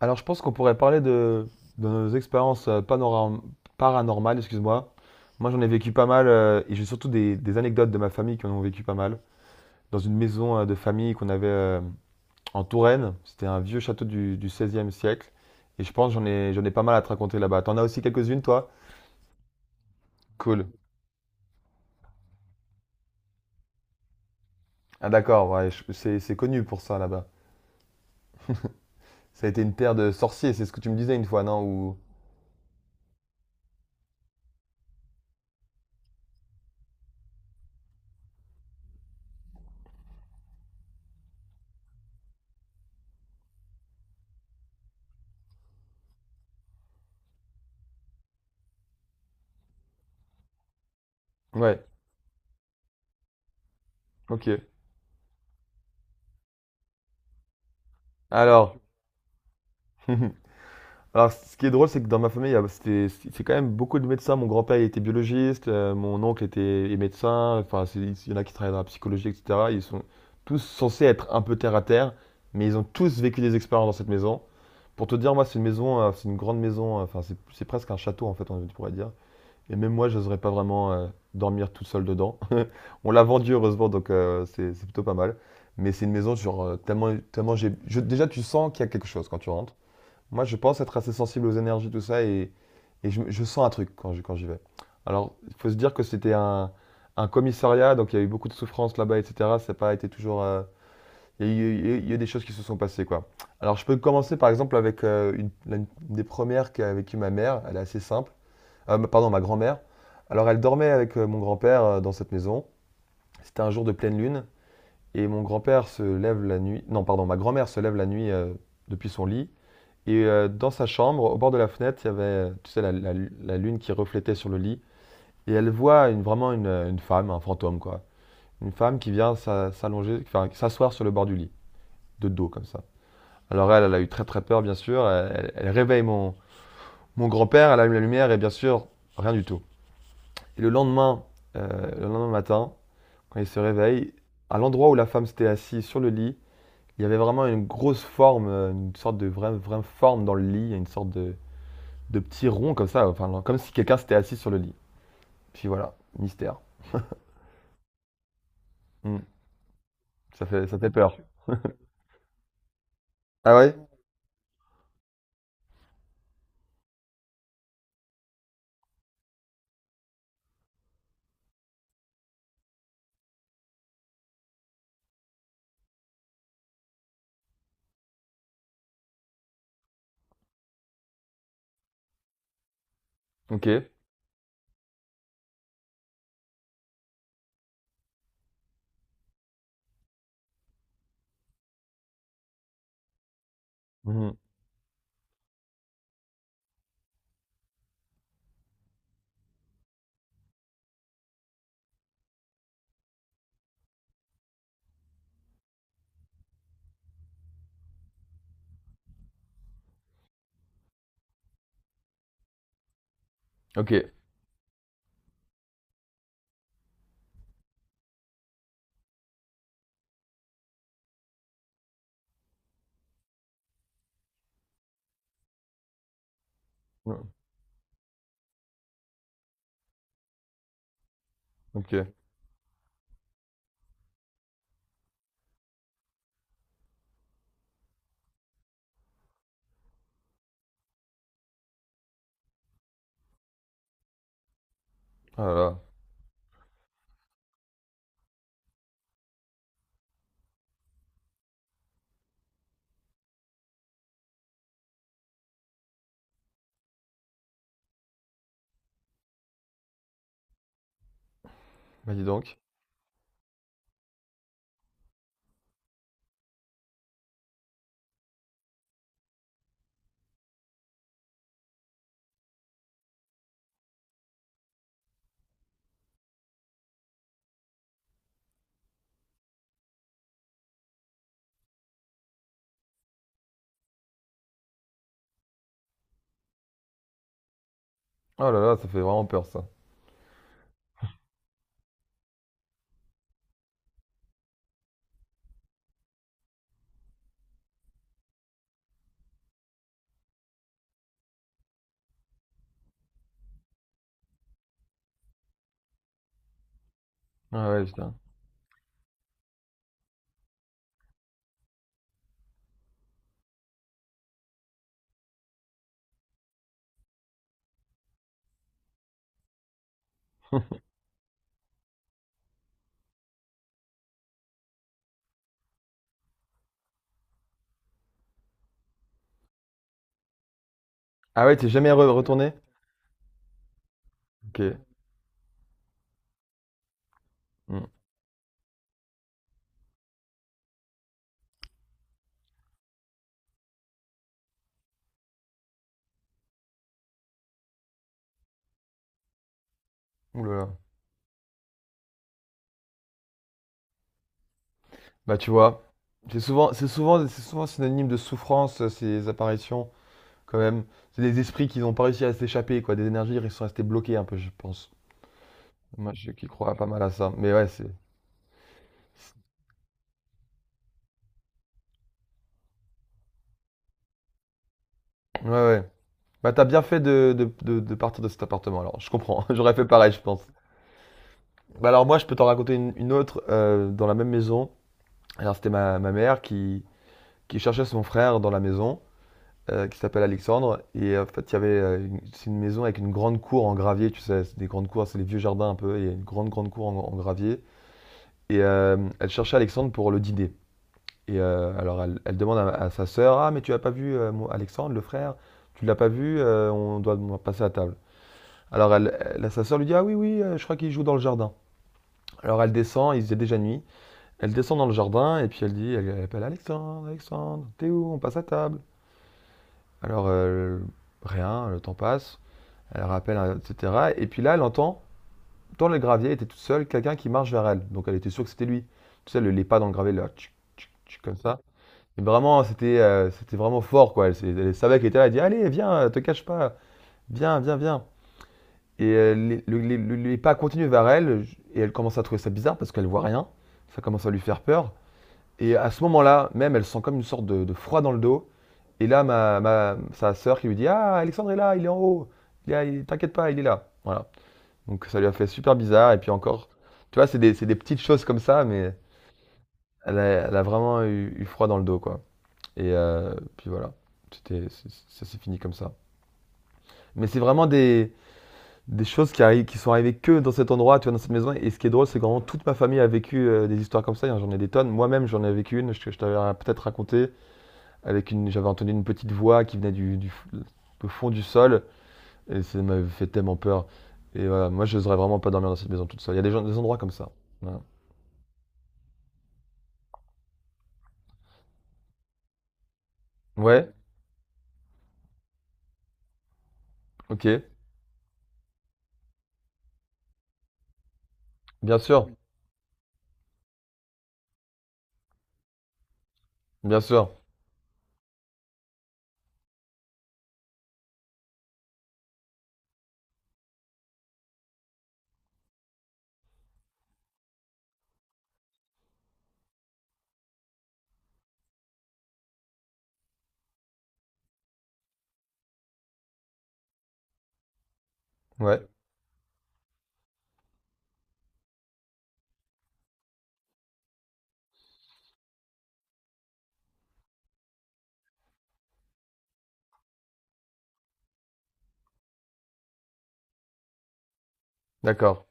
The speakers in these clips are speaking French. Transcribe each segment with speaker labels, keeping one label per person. Speaker 1: Alors, je pense qu'on pourrait parler de nos expériences paranormales, excuse-moi. Moi, j'en ai vécu pas mal, et j'ai surtout des anecdotes de ma famille qui en ont vécu pas mal. Dans une maison de famille qu'on avait en Touraine, c'était un vieux château du XVIe siècle, et je pense que j'en ai pas mal à te raconter là-bas. T'en as aussi quelques-unes, toi? Cool. Ah d'accord, ouais, c'est connu pour ça là-bas. Ça a été une terre de sorciers, c'est ce que tu me disais une fois, non? Ouais, ok. Alors... Alors, ce qui est drôle, c'est que dans ma famille, c'est quand même beaucoup de médecins. Mon grand-père, il était biologiste, mon oncle était est médecin. Enfin, il y en a qui travaillent dans la psychologie, etc. Ils sont tous censés être un peu terre à terre, mais ils ont tous vécu des expériences dans cette maison. Pour te dire, moi, c'est une maison, c'est une grande maison. Enfin, c'est presque un château, en fait, on pourrait dire. Et même moi, je n'oserais pas vraiment dormir tout seul dedans. On l'a vendu, heureusement, donc c'est plutôt pas mal. Mais c'est une maison, genre, tellement, tellement déjà, tu sens qu'il y a quelque chose quand tu rentres. Moi, je pense être assez sensible aux énergies, tout ça, et je sens un truc quand j'y vais. Alors, il faut se dire que c'était un commissariat, donc il y a eu beaucoup de souffrances là-bas, etc. Ça n'a pas été toujours. Il y a eu des choses qui se sont passées, quoi. Alors, je peux commencer par exemple avec une des premières qu'a vécu ma mère. Elle est assez simple. Pardon, ma grand-mère. Alors, elle dormait avec mon grand-père dans cette maison. C'était un jour de pleine lune, et mon grand-père se lève la nuit. Non, pardon, ma grand-mère se lève la nuit depuis son lit et dans sa chambre, au bord de la fenêtre, il y avait, tu sais, la lune qui reflétait sur le lit. Et elle voit vraiment une femme, un fantôme, quoi. Une femme qui vient s'allonger, enfin, s'asseoir sur le bord du lit, de dos, comme ça. Alors elle, a eu très très peur, bien sûr. Elle réveille mon grand-père, elle allume la lumière, et bien sûr, rien du tout. Et le lendemain, matin, quand il se réveille, à l'endroit où la femme s'était assise sur le lit, il y avait vraiment une grosse forme, une sorte de vraie, vraie forme dans le lit, une sorte de petits ronds comme ça, enfin, comme si quelqu'un s'était assis sur le lit. Puis voilà, mystère. Hmm. Ça fait peur. Ah ouais? Ok. Mhm. Ok. Hmm. Ok. Ah là là. Bah dis donc. Oh là là, ça fait vraiment peur ça. Ah ouais, putain. Ah ouais, t'es jamais retourné? Ok. Hmm. Ouh là là. Bah tu vois, c'est souvent synonyme de souffrance ces apparitions quand même. C'est des esprits qui n'ont pas réussi à s'échapper quoi, des énergies ils sont restés bloqués un peu, je pense. Moi, je qui crois pas mal à ça. Mais ouais, c'est, ouais ouais. Bah, t'as bien fait de partir de cet appartement, alors. Je comprends. J'aurais fait pareil, je pense. Bah, alors, moi, je peux t'en raconter une autre dans la même maison. Alors, c'était ma mère qui cherchait son frère dans la maison, qui s'appelle Alexandre. Et en fait, il y avait c'est une maison avec une grande cour en gravier, tu sais. C'est des grandes cours, c'est les vieux jardins un peu. Il y a une grande, grande cour en gravier. Et elle cherchait Alexandre pour le dîner. Et alors, elle demande à sa sœur, Ah, mais tu as pas vu mon Alexandre, le frère? Tu l'as pas vu? On doit passer à table. Alors sa sœur lui dit Ah oui, oui, je crois qu'il joue dans le jardin. Alors elle descend, il faisait déjà nuit. Elle descend dans le jardin et puis elle dit elle appelle Alexandre, Alexandre, t'es où? On passe à table. Alors rien, le temps passe. Elle rappelle, etc. Et puis là, elle entend dans le gravier, elle était toute seule, quelqu'un qui marche vers elle. Donc elle était sûre que c'était lui. Tu sais, les pas dans le gravier, là, tchic, tchic, tchic, comme ça. Et vraiment, c'était vraiment fort, quoi. Elle savait qu'elle était là. Elle dit Allez, viens, te cache pas. Viens, viens, viens. Et les pas continuent vers elle, et elle commence à trouver ça bizarre parce qu'elle voit rien. Ça commence à lui faire peur. Et à ce moment-là, même, elle sent comme une sorte de froid dans le dos. Et là, ma, sa sœur qui lui dit Ah, Alexandre est là, il est en haut. Il est là, T'inquiète pas, il est là. Voilà. Donc ça lui a fait super bizarre. Et puis encore, tu vois, c'est des, petites choses comme ça, mais elle a vraiment eu froid dans le dos, quoi. Et puis voilà, ça s'est fini comme ça. Mais c'est vraiment des choses qui arrivent, qui sont arrivées que dans cet endroit, tu vois, dans cette maison. Et ce qui est drôle, c'est que vraiment toute ma famille a vécu des histoires comme ça. J'en ai des tonnes. Moi-même, j'en ai vécu une. Je t'avais peut-être raconté. Avec une, j'avais entendu une petite voix qui venait du fond du sol. Et ça m'avait fait tellement peur. Et voilà, moi, je n'oserais vraiment pas dormir dans cette maison toute seule. Il y a des, gens, des endroits comme ça. Voilà. Ouais, ok. Bien sûr. Bien sûr. Ouais, d'accord.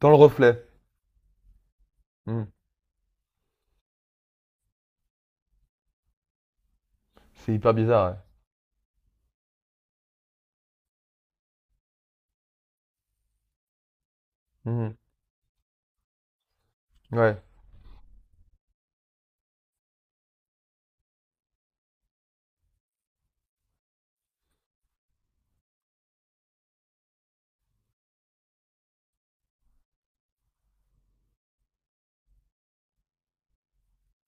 Speaker 1: Dans le reflet. Hmm. C'est hyper bizarre. Ouais. Mhm. Ouais.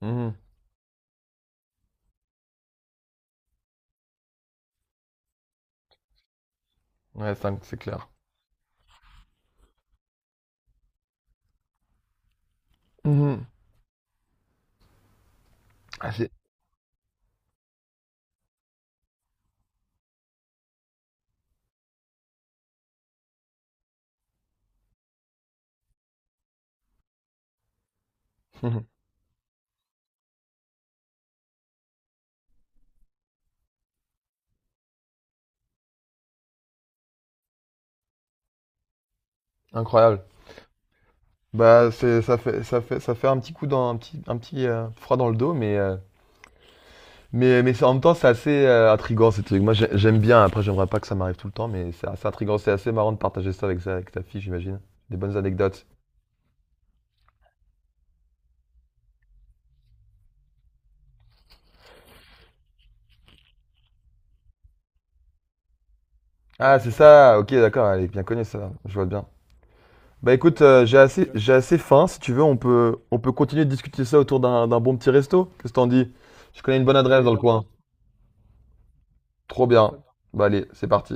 Speaker 1: Mhm. Ouais, c'est clair. Mhm. Ah, Incroyable. Bah, ça fait, ça fait un petit coup dans, un petit froid dans le dos, mais en même temps, c'est assez intriguant ces trucs. Moi, j'aime bien. Après, j'aimerais pas que ça m'arrive tout le temps, mais c'est assez intriguant. C'est assez marrant de partager ça avec ta fille, j'imagine. Des bonnes anecdotes. Ah, c'est ça. Ok, d'accord. Elle est bien connue, ça. Je vois bien. Bah, écoute, j'ai assez faim. Si tu veux, on peut continuer de discuter ça autour d'un bon petit resto. Qu'est-ce que t'en dis? Je connais une bonne adresse dans le coin. Trop bien. Bah, allez, c'est parti.